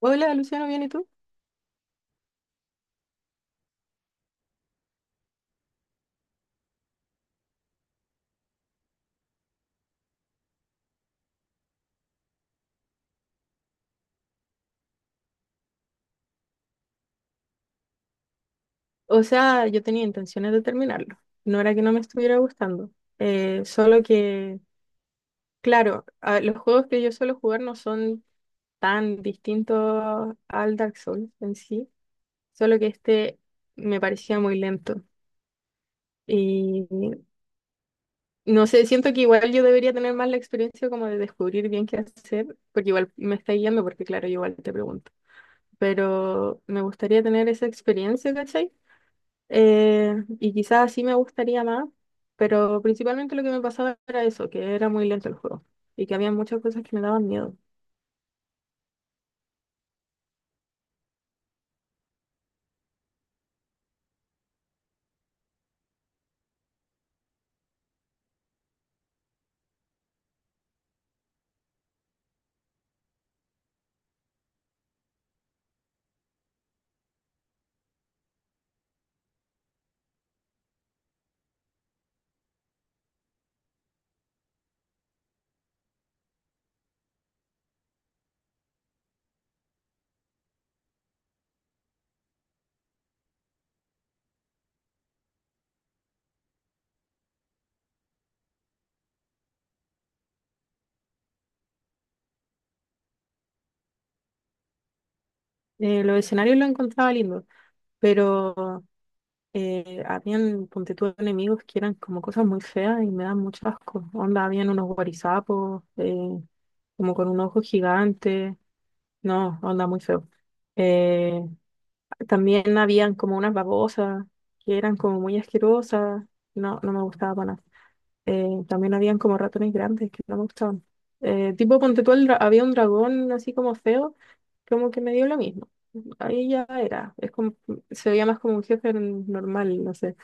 Hola, Luciano, ¿bien y tú? O sea, yo tenía intenciones de terminarlo. No era que no me estuviera gustando. Eh, solo que, claro, los juegos que yo suelo jugar no son tan distintos al Dark Souls en sí. Solo que este me parecía muy lento. Y no sé, siento que igual yo debería tener más la experiencia como de descubrir bien qué hacer, porque igual me está guiando, porque claro, yo igual te pregunto. Pero me gustaría tener esa experiencia, ¿cachai? Y quizás sí me gustaría más, pero principalmente lo que me pasaba era eso, que era muy lento el juego y que había muchas cosas que me daban miedo. Los escenarios los encontraba lindos, pero habían, ponte tú, enemigos que eran como cosas muy feas y me dan mucho asco. Onda, habían unos guarizapos, como con un ojo gigante. No, onda, muy feo. Eh, También habían como unas babosas que eran como muy asquerosas. No, no me gustaba para nada. También habían como ratones grandes que no me gustaban. Tipo, ponte tú, había un dragón así como feo, como que me dio lo mismo. Es como, se veía más como un jefe normal, no sé.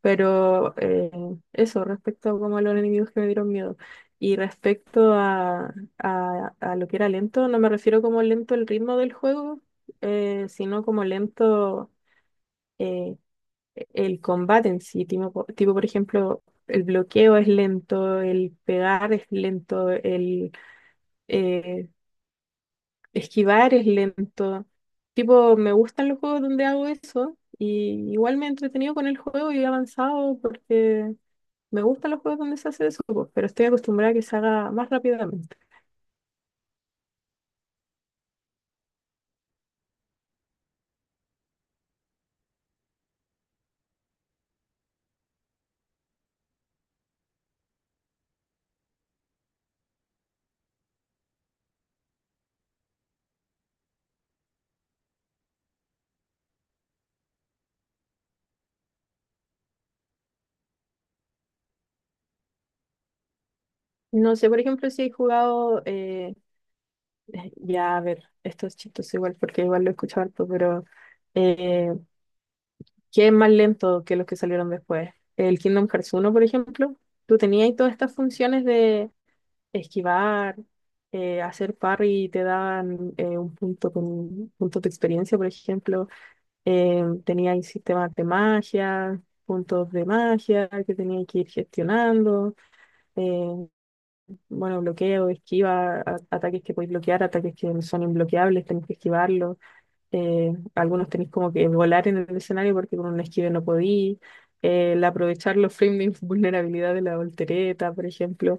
Pero eso, respecto a como a los enemigos que me dieron miedo. Y respecto a lo que era lento, no me refiero como lento el ritmo del juego, sino como lento eh, el combate en sí, tipo, por ejemplo, el bloqueo es lento, el pegar es lento, el eh, esquivar es lento. Tipo, me gustan los juegos donde hago eso y igual me he entretenido con el juego y he avanzado porque me gustan los juegos donde se hace eso, po, pero estoy acostumbrada a que se haga más rápidamente. No sé, por ejemplo, si he jugado, ya a ver, esto es chistoso igual porque igual lo he escuchado harto, pero... eh, que es más lento que los que salieron después. El Kingdom Hearts uno por ejemplo, tú tenías todas estas funciones de esquivar, hacer parry y te daban un punto con puntos de experiencia, por ejemplo. Tenías sistemas de magia, puntos de magia que tenías que ir gestionando. eh, bueno, bloqueo, esquiva, ataques que podéis bloquear, ataques que son inbloqueables, tenés que esquivarlos algunos tenéis como que volar en el escenario porque con un esquive no podí, el aprovechar los frames de vulnerabilidad de la voltereta, por ejemplo.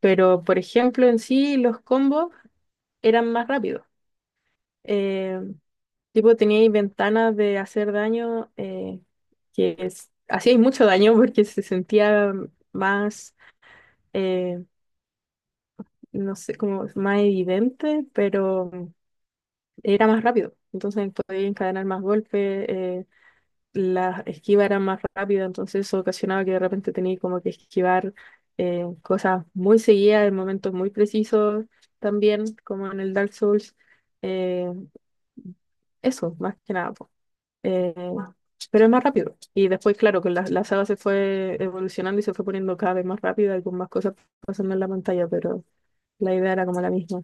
Pero, por ejemplo, en sí los combos eran más rápidos. Eh, Tipo, teníais ventanas de hacer daño hacíais mucho daño porque se sentía más, eh, no sé, como más evidente, pero era más rápido. Entonces podíais encadenar más golpes. Las esquivas eran más rápidas, entonces eso ocasionaba que de repente tenía como que esquivar cosas muy seguidas en momentos muy precisos también, como en el Dark Souls. Eh, Eso, más que nada. Po. Eh, pero es más rápido. Y después, claro, que la saga se fue evolucionando y se fue poniendo cada vez más rápida y con más cosas pasando en la pantalla, pero la idea era como la misma.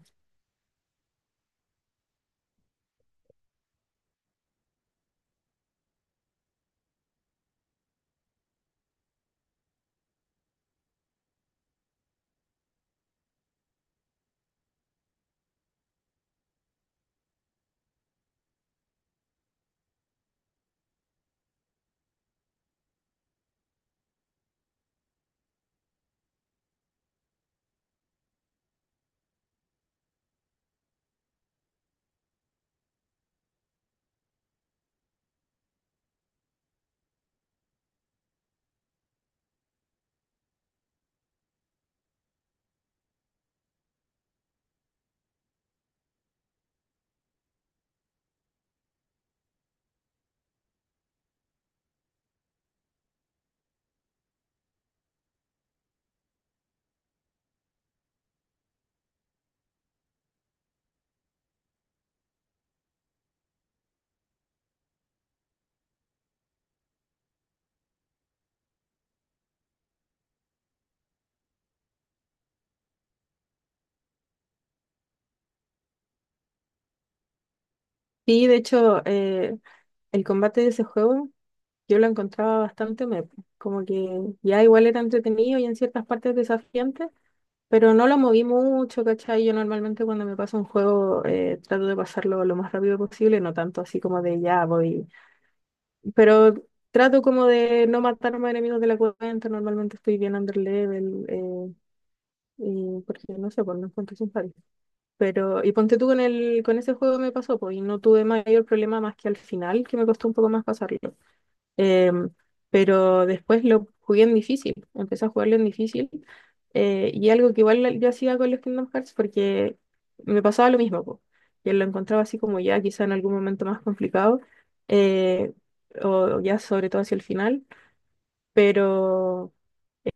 Sí, de hecho, el combate de ese juego. Yo lo encontraba bastante mepo, como que ya igual era entretenido y en ciertas partes desafiante, pero no lo moví mucho, ¿cachai? Yo normalmente cuando me paso un juego trato de pasarlo lo más rápido posible, no tanto así como de ya voy, pero trato como de no matarme a enemigos de la cuenta, normalmente estoy bien under level, y porque no sé, pues no encuentro sin pares. Pero, y ponte tú con ese juego me pasó, pues, y no tuve mayor problema más que al final, que me costó un poco más pasarlo. Em, pero después lo jugué en difícil, empecé a jugarlo en difícil. Y algo que igual yo hacía con los Kingdom Hearts porque me pasaba lo mismo, po. Yo lo encontraba así como ya, quizá en algún momento más complicado, eh, o ya sobre todo hacia el final, pero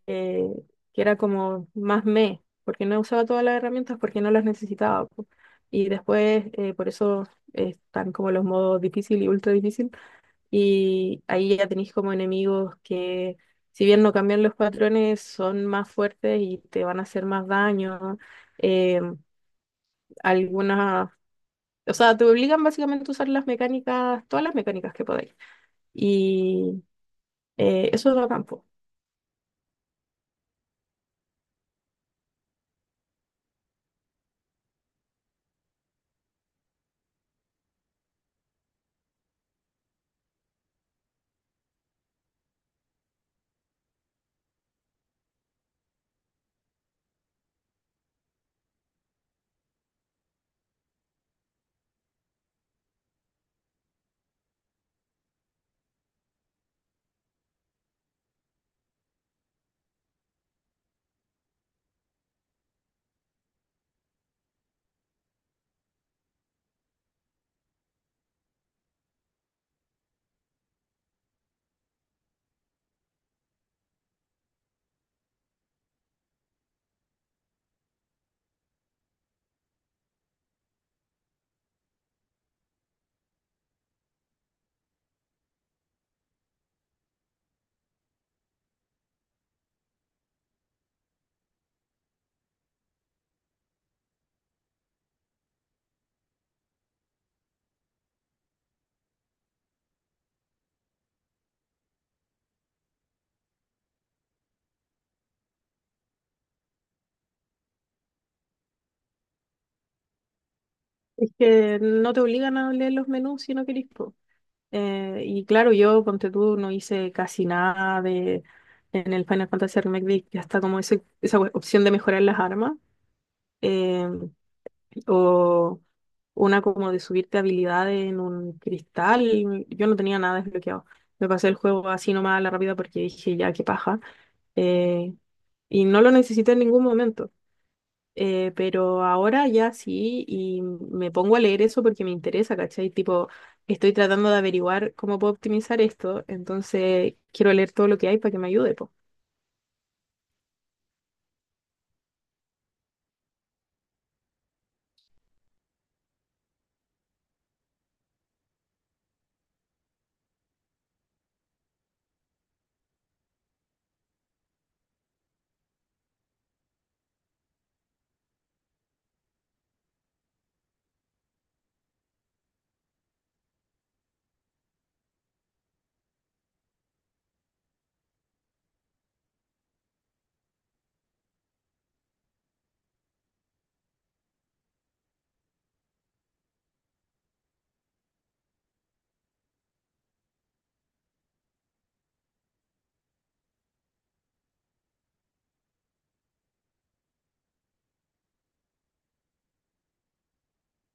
eh, que era como más me, porque no usaba todas las herramientas porque no las necesitaba, po. Y después, por eso están como los modos difícil y ultra difícil y ahí ya tenéis como enemigos que, si bien no cambian los patrones, son más fuertes y te van a hacer más daño. Eh, algunas, o sea, te obligan básicamente a usar las mecánicas, todas las mecánicas que podáis. Y eso es lo campo. Es que no te obligan a leer los menús si no queréis. Po. Y claro, yo, ponte tú, no hice casi nada de en el Final Fantasy Remake, ya está como esa opción de mejorar las armas. eh, o una como de subirte habilidades en un cristal. Yo no tenía nada desbloqueado. Me pasé el juego así nomás a la rápida porque dije, ya, qué paja. Eh, y no lo necesité en ningún momento. Pero ahora ya sí, y me pongo a leer eso porque me interesa, ¿cachai? Tipo, estoy tratando de averiguar cómo puedo optimizar esto, entonces quiero leer todo lo que hay para que me ayude, po.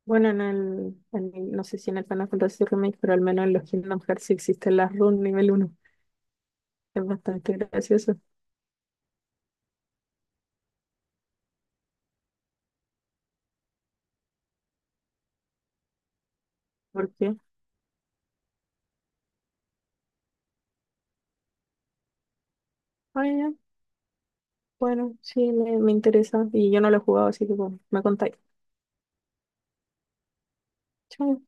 Bueno, en no sé si en el Final Fantasy Remake, pero al menos en los Kingdom Hearts sí existen las runes nivel uno. Es bastante gracioso. Porque, ah, ya, bueno, sí, me interesa. Y yo no lo he jugado, así que bueno, me contáis. Chao.